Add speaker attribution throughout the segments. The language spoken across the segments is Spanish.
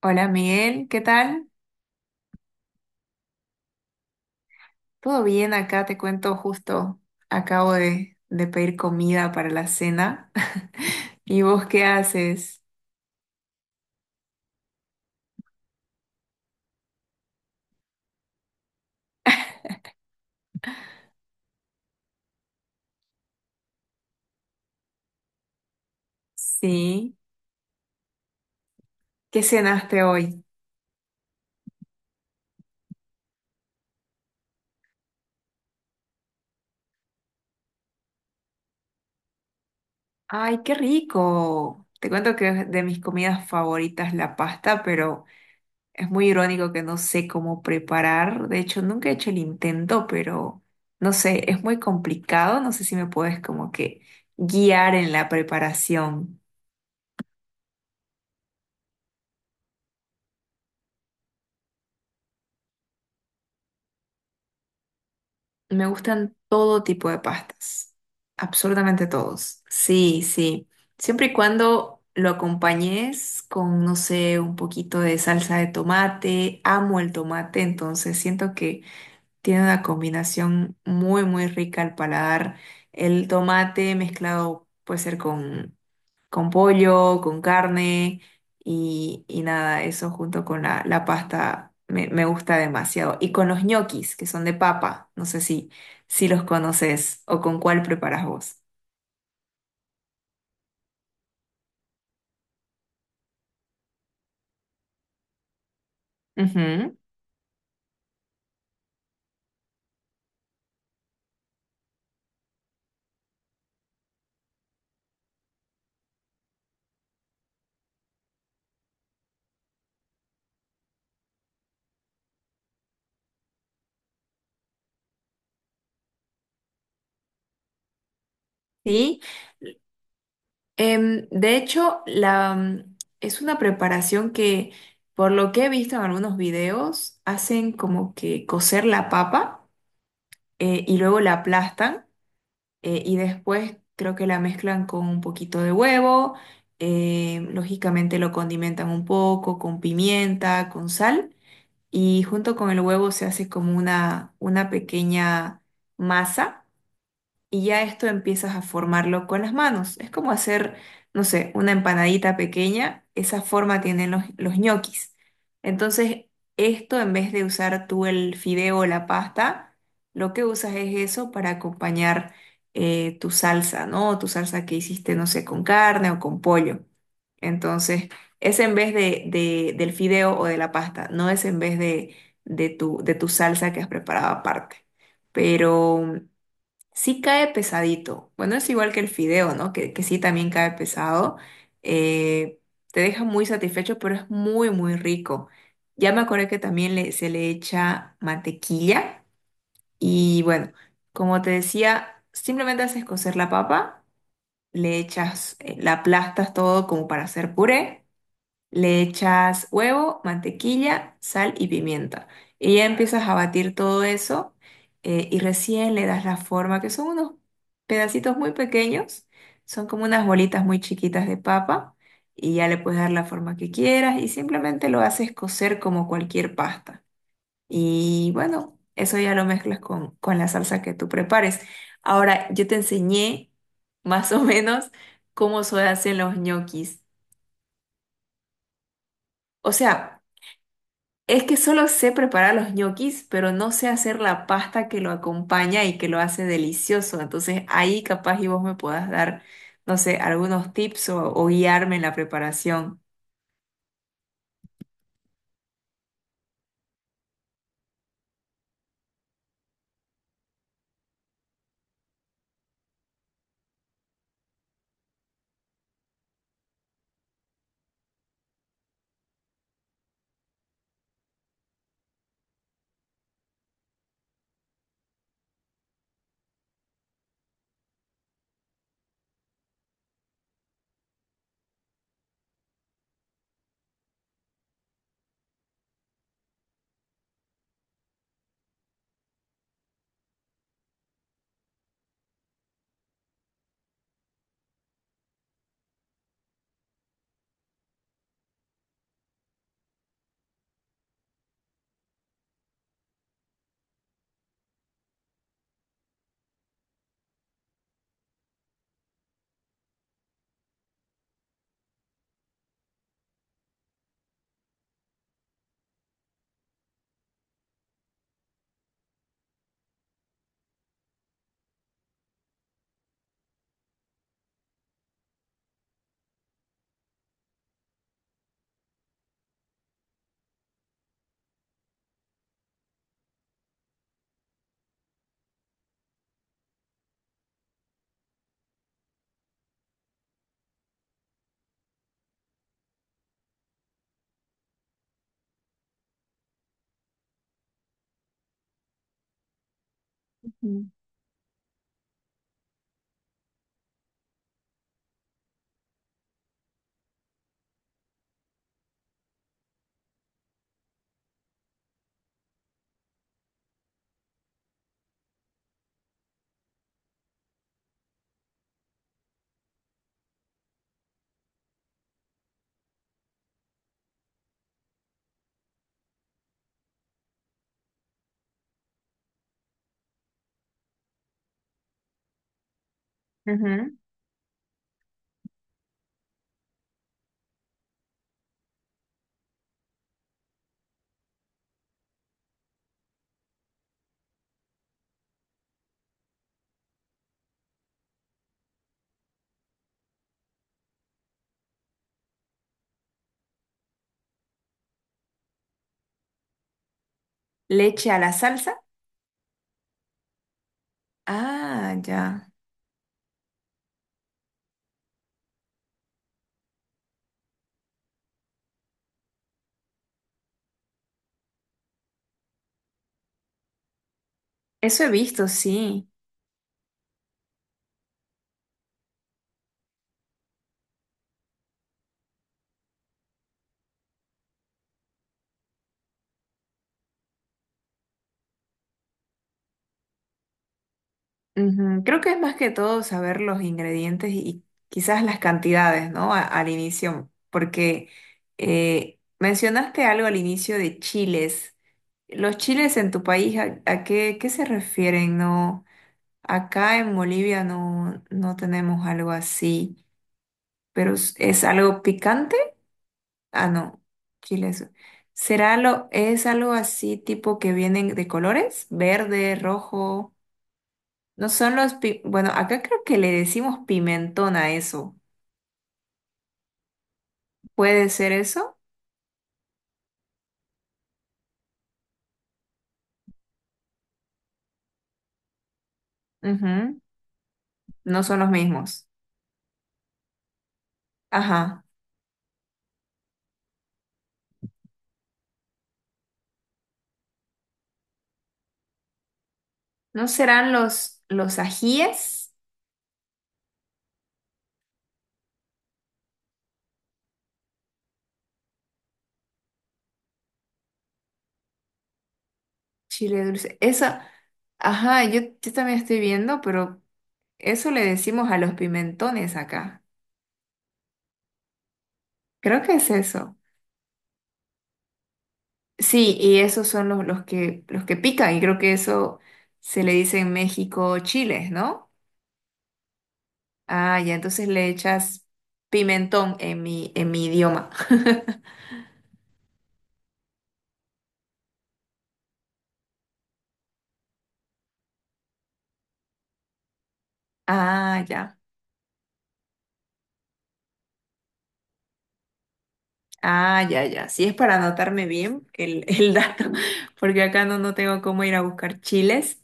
Speaker 1: Hola Miguel, ¿qué tal? ¿Todo bien acá? Te cuento justo, acabo de pedir comida para la cena. ¿Y vos qué haces? Sí, ¿qué cenaste hoy? ¡Ay, qué rico! Te cuento que es de mis comidas favoritas la pasta, pero es muy irónico que no sé cómo preparar. De hecho, nunca he hecho el intento, pero no sé, es muy complicado. No sé si me puedes como que guiar en la preparación. Me gustan todo tipo de pastas, absolutamente todos. Sí, sí. Siempre y cuando lo acompañes con, no sé, un poquito de salsa de tomate. Amo el tomate, entonces siento que tiene una combinación muy, muy rica al paladar. El tomate mezclado puede ser con pollo, con carne y nada, eso junto con la pasta me gusta demasiado. Y con los ñoquis, que son de papa, no sé si, si los conoces o con cuál preparas vos. Ujú. Sí. De hecho, la, es una preparación que, por lo que he visto en algunos videos, hacen como que cocer la papa y luego la aplastan, y después creo que la mezclan con un poquito de huevo. Lógicamente lo condimentan un poco con pimienta, con sal, y junto con el huevo se hace como una pequeña masa, y ya esto empiezas a formarlo con las manos. Es como hacer, no sé, una empanadita pequeña, esa forma tienen los ñoquis. Entonces, esto en vez de usar tú el fideo o la pasta, lo que usas es eso para acompañar tu salsa, ¿no? Tu salsa que hiciste, no sé, con carne o con pollo. Entonces, es en vez del fideo o de la pasta, no es en vez de tu salsa que has preparado aparte. Pero sí cae pesadito. Bueno, es igual que el fideo, ¿no? Que sí también cae pesado. Eh, Te deja muy satisfecho, pero es muy, muy rico. Ya me acordé que también se le echa mantequilla. Y bueno, como te decía, simplemente haces cocer la papa, le echas, la aplastas todo como para hacer puré. Le echas huevo, mantequilla, sal y pimienta. Y ya empiezas a batir todo eso, y recién le das la forma, que son unos pedacitos muy pequeños, son como unas bolitas muy chiquitas de papa, y ya le puedes dar la forma que quieras y simplemente lo haces cocer como cualquier pasta. Y bueno, eso ya lo mezclas con la salsa que tú prepares. Ahora, yo te enseñé más o menos cómo se hacen los ñoquis. O sea, es que solo sé preparar los ñoquis, pero no sé hacer la pasta que lo acompaña y que lo hace delicioso. Entonces ahí capaz y vos me podás dar, no sé, algunos tips o guiarme en la preparación. Ujú. Ujú. Leche a la salsa. Ah, ya. Eso he visto, sí. Ujú. Creo que es más que todo saber los ingredientes y quizás las cantidades, ¿no? Al inicio, porque mencionaste algo al inicio de chiles. Los chiles en tu país, a qué, qué se refieren? No, acá en Bolivia no, no tenemos algo así, pero es algo picante? Ah, no, chiles. ¿Será lo, es algo así tipo que vienen de colores? Verde, rojo. No son los, bueno, acá creo que le decimos pimentón a eso. ¿Puede ser eso? Ujú. No son los mismos. Ajá. ¿No serán los ajíes? Chile dulce. Eso, ajá, yo también estoy viendo, pero eso le decimos a los pimentones acá. Creo que es eso. Sí, y esos son los que pican, y creo que eso se le dice en México chiles, ¿no? Ah, ya, entonces le echas pimentón en mi idioma. Ah, ya. Ah, ya, ya. Sí es para anotarme bien el dato, porque acá no, no tengo cómo ir a buscar chiles,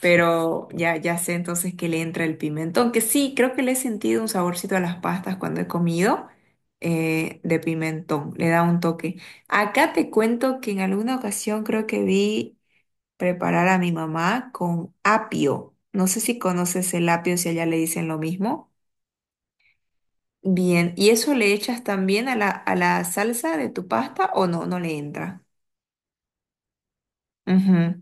Speaker 1: pero ya, ya sé entonces que le entra el pimentón, que sí, creo que le he sentido un saborcito a las pastas cuando he comido, de pimentón, le da un toque. Acá te cuento que en alguna ocasión creo que vi preparar a mi mamá con apio. No sé si conoces el apio, si allá le dicen lo mismo. Bien, ¿y eso le echas también a la salsa de tu pasta o no? No le entra. Ujú.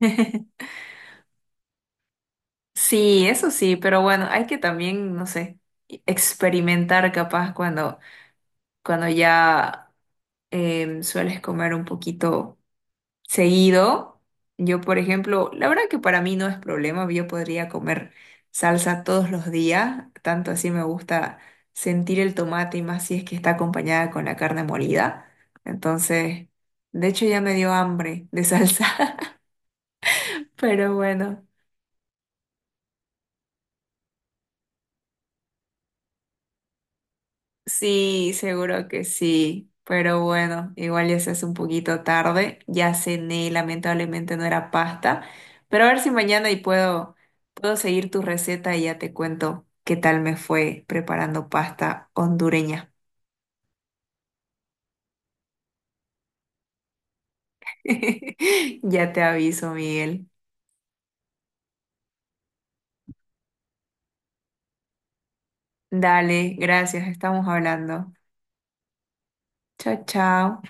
Speaker 1: Sí, eso sí, pero bueno, hay que también, no sé, experimentar capaz cuando, cuando ya sueles comer un poquito. Seguido. Yo, por ejemplo, la verdad que para mí no es problema, yo podría comer salsa todos los días, tanto así me gusta sentir el tomate y más si es que está acompañada con la carne molida. Entonces, de hecho ya me dio hambre de salsa, pero bueno. Sí, seguro que sí. Pero bueno, igual ya se hace un poquito tarde. Ya cené, lamentablemente no era pasta. Pero a ver si mañana y puedo, puedo seguir tu receta y ya te cuento qué tal me fue preparando pasta hondureña. Ya te aviso, Miguel. Dale, gracias, estamos hablando. Chao, chao.